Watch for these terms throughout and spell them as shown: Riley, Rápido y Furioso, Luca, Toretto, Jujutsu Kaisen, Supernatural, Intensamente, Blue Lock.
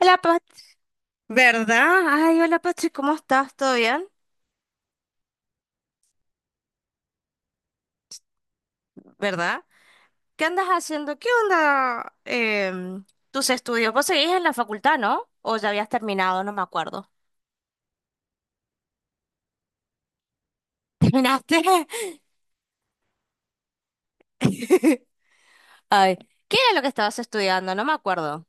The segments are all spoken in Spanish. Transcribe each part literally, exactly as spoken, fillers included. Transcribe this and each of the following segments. Hola, Pat, ¿verdad? Ay, hola, Pachi, ¿cómo estás? ¿Todo bien? ¿Verdad? ¿Qué andas haciendo? ¿Qué onda em, tus estudios? Vos seguís en la facultad, ¿no? ¿O ya habías terminado? No me acuerdo. ¿Terminaste? Ay, ¿qué era lo que estabas estudiando? No me acuerdo.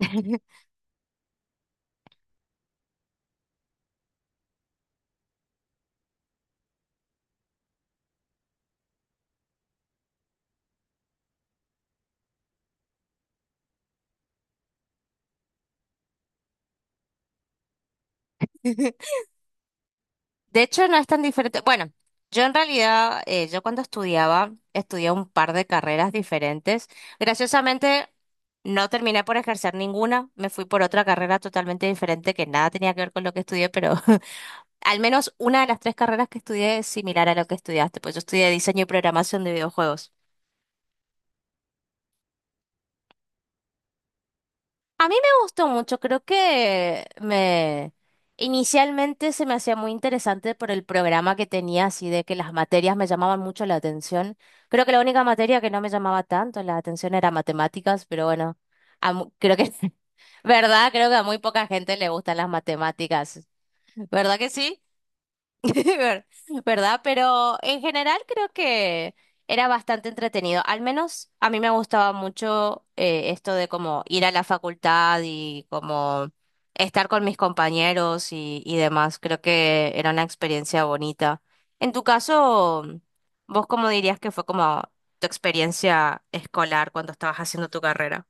De hecho, no es tan diferente. Bueno, yo en realidad, eh, yo cuando estudiaba, estudié un par de carreras diferentes. Graciosamente, no terminé por ejercer ninguna. Me fui por otra carrera totalmente diferente que nada tenía que ver con lo que estudié, pero al menos una de las tres carreras que estudié es similar a lo que estudiaste. Pues yo estudié diseño y programación de videojuegos. A mí me gustó mucho, creo que me inicialmente se me hacía muy interesante por el programa que tenía, así de que las materias me llamaban mucho la atención. Creo que la única materia que no me llamaba tanto la atención era matemáticas, pero bueno, a mu- creo que, ¿verdad? Creo que a muy poca gente le gustan las matemáticas, ¿verdad que sí? Ver- ¿Verdad? Pero en general creo que era bastante entretenido. Al menos a mí me gustaba mucho eh, esto de como ir a la facultad y como estar con mis compañeros y, y demás. Creo que era una experiencia bonita. En tu caso, ¿vos cómo dirías que fue como tu experiencia escolar cuando estabas haciendo tu carrera?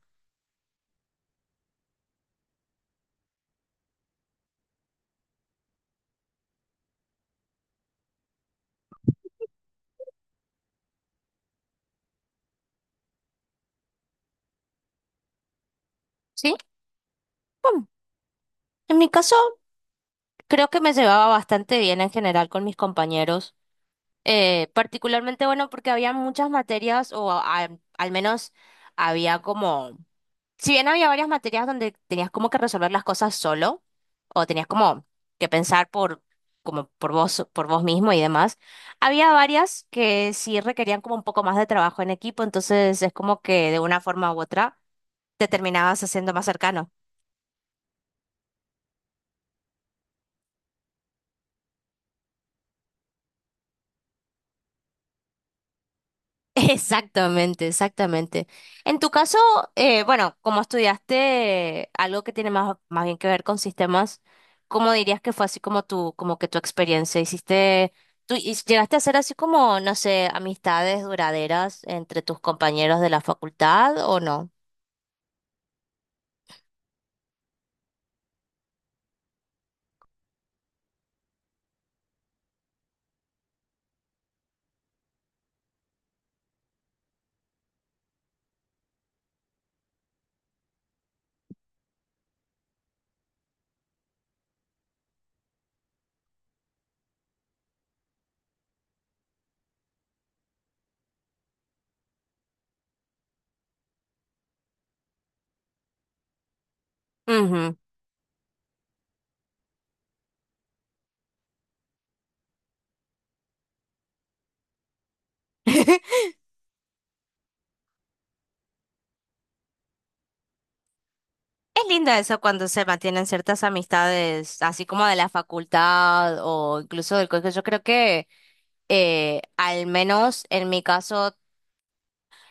Sí, bueno, en mi caso creo que me llevaba bastante bien en general con mis compañeros. Eh, particularmente bueno porque había muchas materias, o a- al, al menos había como, si bien había varias materias donde tenías como que resolver las cosas solo, o tenías como que pensar por, como por vos, por vos mismo y demás, había varias que sí requerían como un poco más de trabajo en equipo, entonces es como que de una forma u otra te terminabas haciendo más cercano. Exactamente, exactamente. En tu caso, eh, bueno, como estudiaste algo que tiene más, más bien que ver con sistemas, ¿cómo dirías que fue así como tu, como que tu experiencia? ¿Hiciste, tú y- llegaste a hacer así como, no sé, amistades duraderas entre tus compañeros de la facultad o no? Ujú. Es lindo eso cuando se mantienen ciertas amistades, así como de la facultad o incluso del colegio. Yo creo que, eh, al menos en mi caso,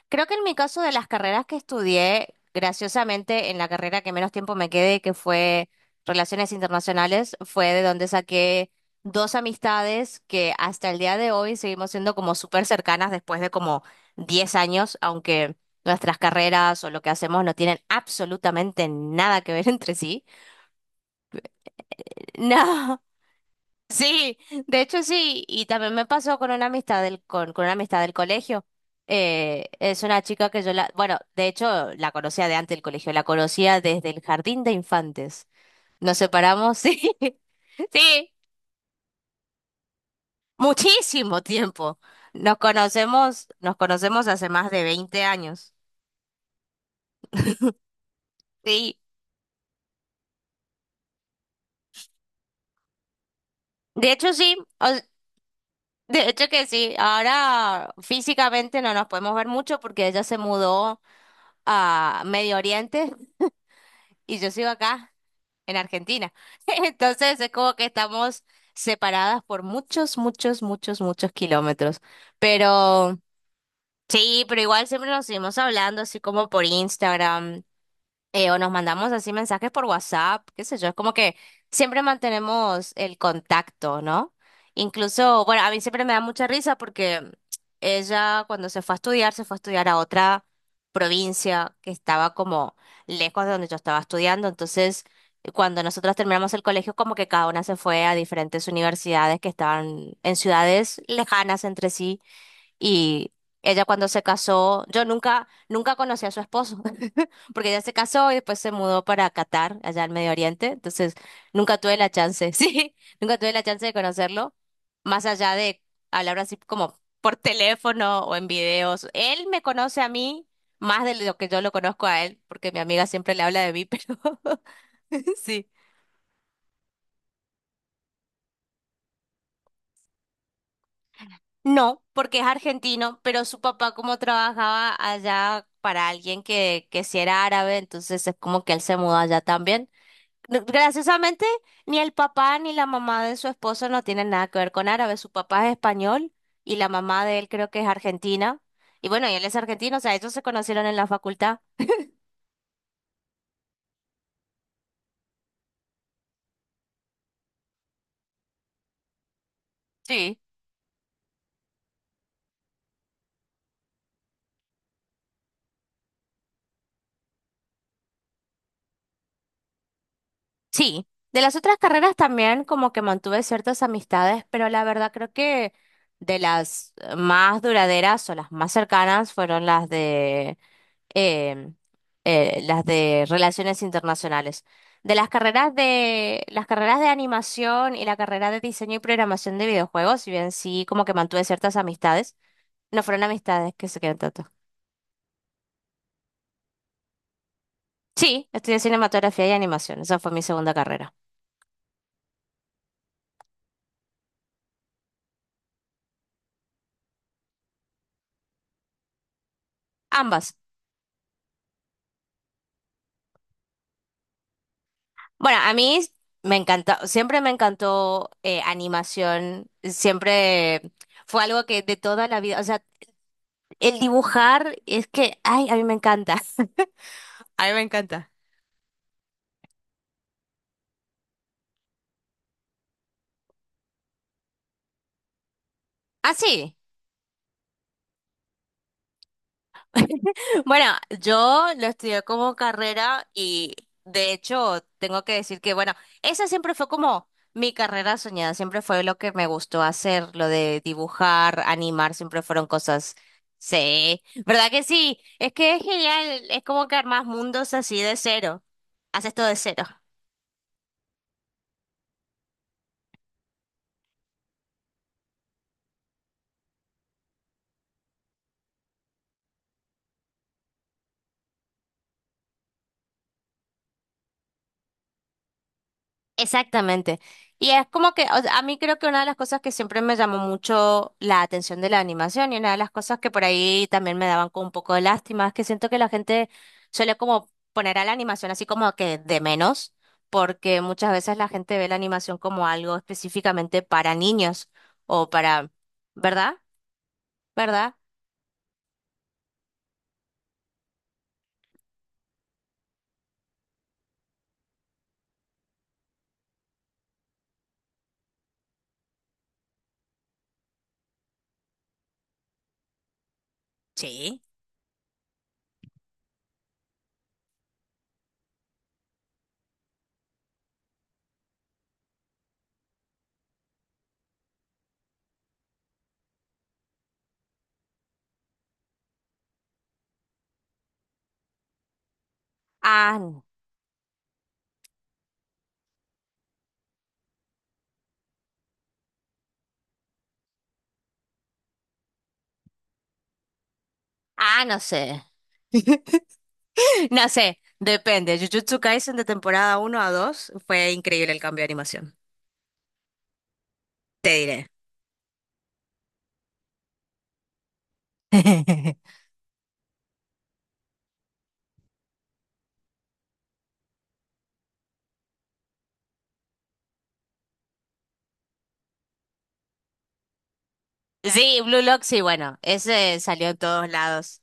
creo que en mi caso de las carreras que estudié, graciosamente en la carrera que menos tiempo me quedé, que fue Relaciones Internacionales, fue de donde saqué dos amistades que hasta el día de hoy seguimos siendo como súper cercanas después de como diez años, aunque nuestras carreras o lo que hacemos no tienen absolutamente nada que ver entre sí. No. Sí, de hecho sí, y también me pasó con una amistad del, con, con una amistad del colegio. Eh, es una chica que yo la, bueno, de hecho la conocía de antes del colegio, la conocía desde el jardín de infantes. Nos separamos, sí, sí, muchísimo tiempo. Nos conocemos, nos conocemos hace más de veinte años. Sí, de hecho sí, o- de hecho que sí, ahora físicamente no nos podemos ver mucho porque ella se mudó a Medio Oriente y yo sigo acá. en Argentina. Entonces es como que estamos separadas por muchos, muchos, muchos, muchos kilómetros. Pero sí, pero igual siempre nos seguimos hablando, así como por Instagram eh, o nos mandamos así mensajes por WhatsApp, qué sé yo, es como que siempre mantenemos el contacto, ¿no? Incluso, bueno, a mí siempre me da mucha risa porque ella cuando se fue a estudiar, se fue a estudiar a otra provincia que estaba como lejos de donde yo estaba estudiando, entonces cuando nosotros terminamos el colegio, como que cada una se fue a diferentes universidades que estaban en ciudades lejanas entre sí. Y ella cuando se casó, yo nunca, nunca conocí a su esposo, porque ella se casó y después se mudó para Qatar, allá al Medio Oriente. Entonces, nunca tuve la chance, sí, nunca tuve la chance de conocerlo, más allá de hablar así como por teléfono o en videos. Él me conoce a mí más de lo que yo lo conozco a él, porque mi amiga siempre le habla de mí, pero sí. No, porque es argentino, pero su papá como trabajaba allá para alguien que, que sí era árabe, entonces es como que él se mudó allá también. No, Graciosamente, ni el papá ni la mamá de su esposo no tienen nada que ver con árabe. Su papá es español y la mamá de él creo que es argentina. Y bueno, y él es argentino, o sea, ellos se conocieron en la facultad. Sí, sí, de las otras carreras también como que mantuve ciertas amistades, pero la verdad creo que de las más duraderas o las más cercanas fueron las de em, eh, las de relaciones internacionales. De las carreras de las carreras de animación y la carrera de diseño y programación de videojuegos, si bien sí como que mantuve ciertas amistades, no fueron amistades que se quedan tanto. Sí, estudié cinematografía y animación, esa fue mi segunda carrera. Ambas. Bueno, a mí me encanta, siempre me encantó eh, animación, siempre fue algo que de toda la vida, o sea, el dibujar es que, ay, a mí me encanta. A mí me encanta. Ah, sí. Bueno, yo lo estudié como carrera y de hecho tengo que decir que, bueno, esa siempre fue como mi carrera soñada, siempre fue lo que me gustó hacer, lo de dibujar, animar, siempre fueron cosas, sí, ¿verdad que sí? Es que es genial, es como que armas mundos así de cero, haces todo de cero. Exactamente. Y es como que, o sea, a mí creo que una de las cosas que siempre me llamó mucho la atención de la animación y una de las cosas que por ahí también me daban como un poco de lástima es que siento que la gente suele como poner a la animación así como que de menos, porque muchas veces la gente ve la animación como algo específicamente para niños o para, ¿verdad? ¿Verdad? Sí. Ah, n- ah, no sé. No sé, depende. Jujutsu Kaisen de temporada uno a dos fue increíble el cambio de animación. Te diré. Sí, Blue Lock, sí, bueno, ese salió en todos lados.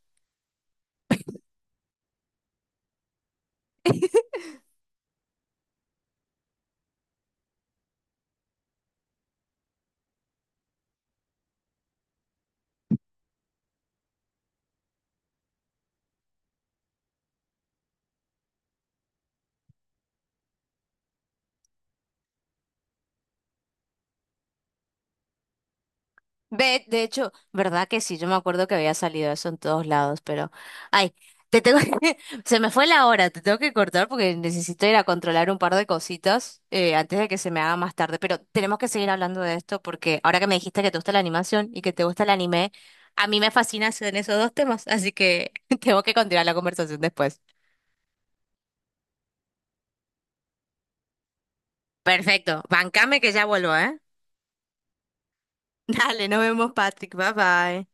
Ve, de hecho, ¿verdad que sí? Yo me acuerdo que había salido eso en todos lados, pero, ay, te tengo que- se me fue la hora, te tengo que cortar porque necesito ir a controlar un par de cositas eh, antes de que se me haga más tarde, pero tenemos que seguir hablando de esto porque ahora que me dijiste que te gusta la animación y que te gusta el anime, a mí me fascina en esos dos temas, así que tengo que continuar la conversación después. Perfecto, bancame que ya vuelvo, ¿eh? Dale, nos vemos, Patrick. Bye bye.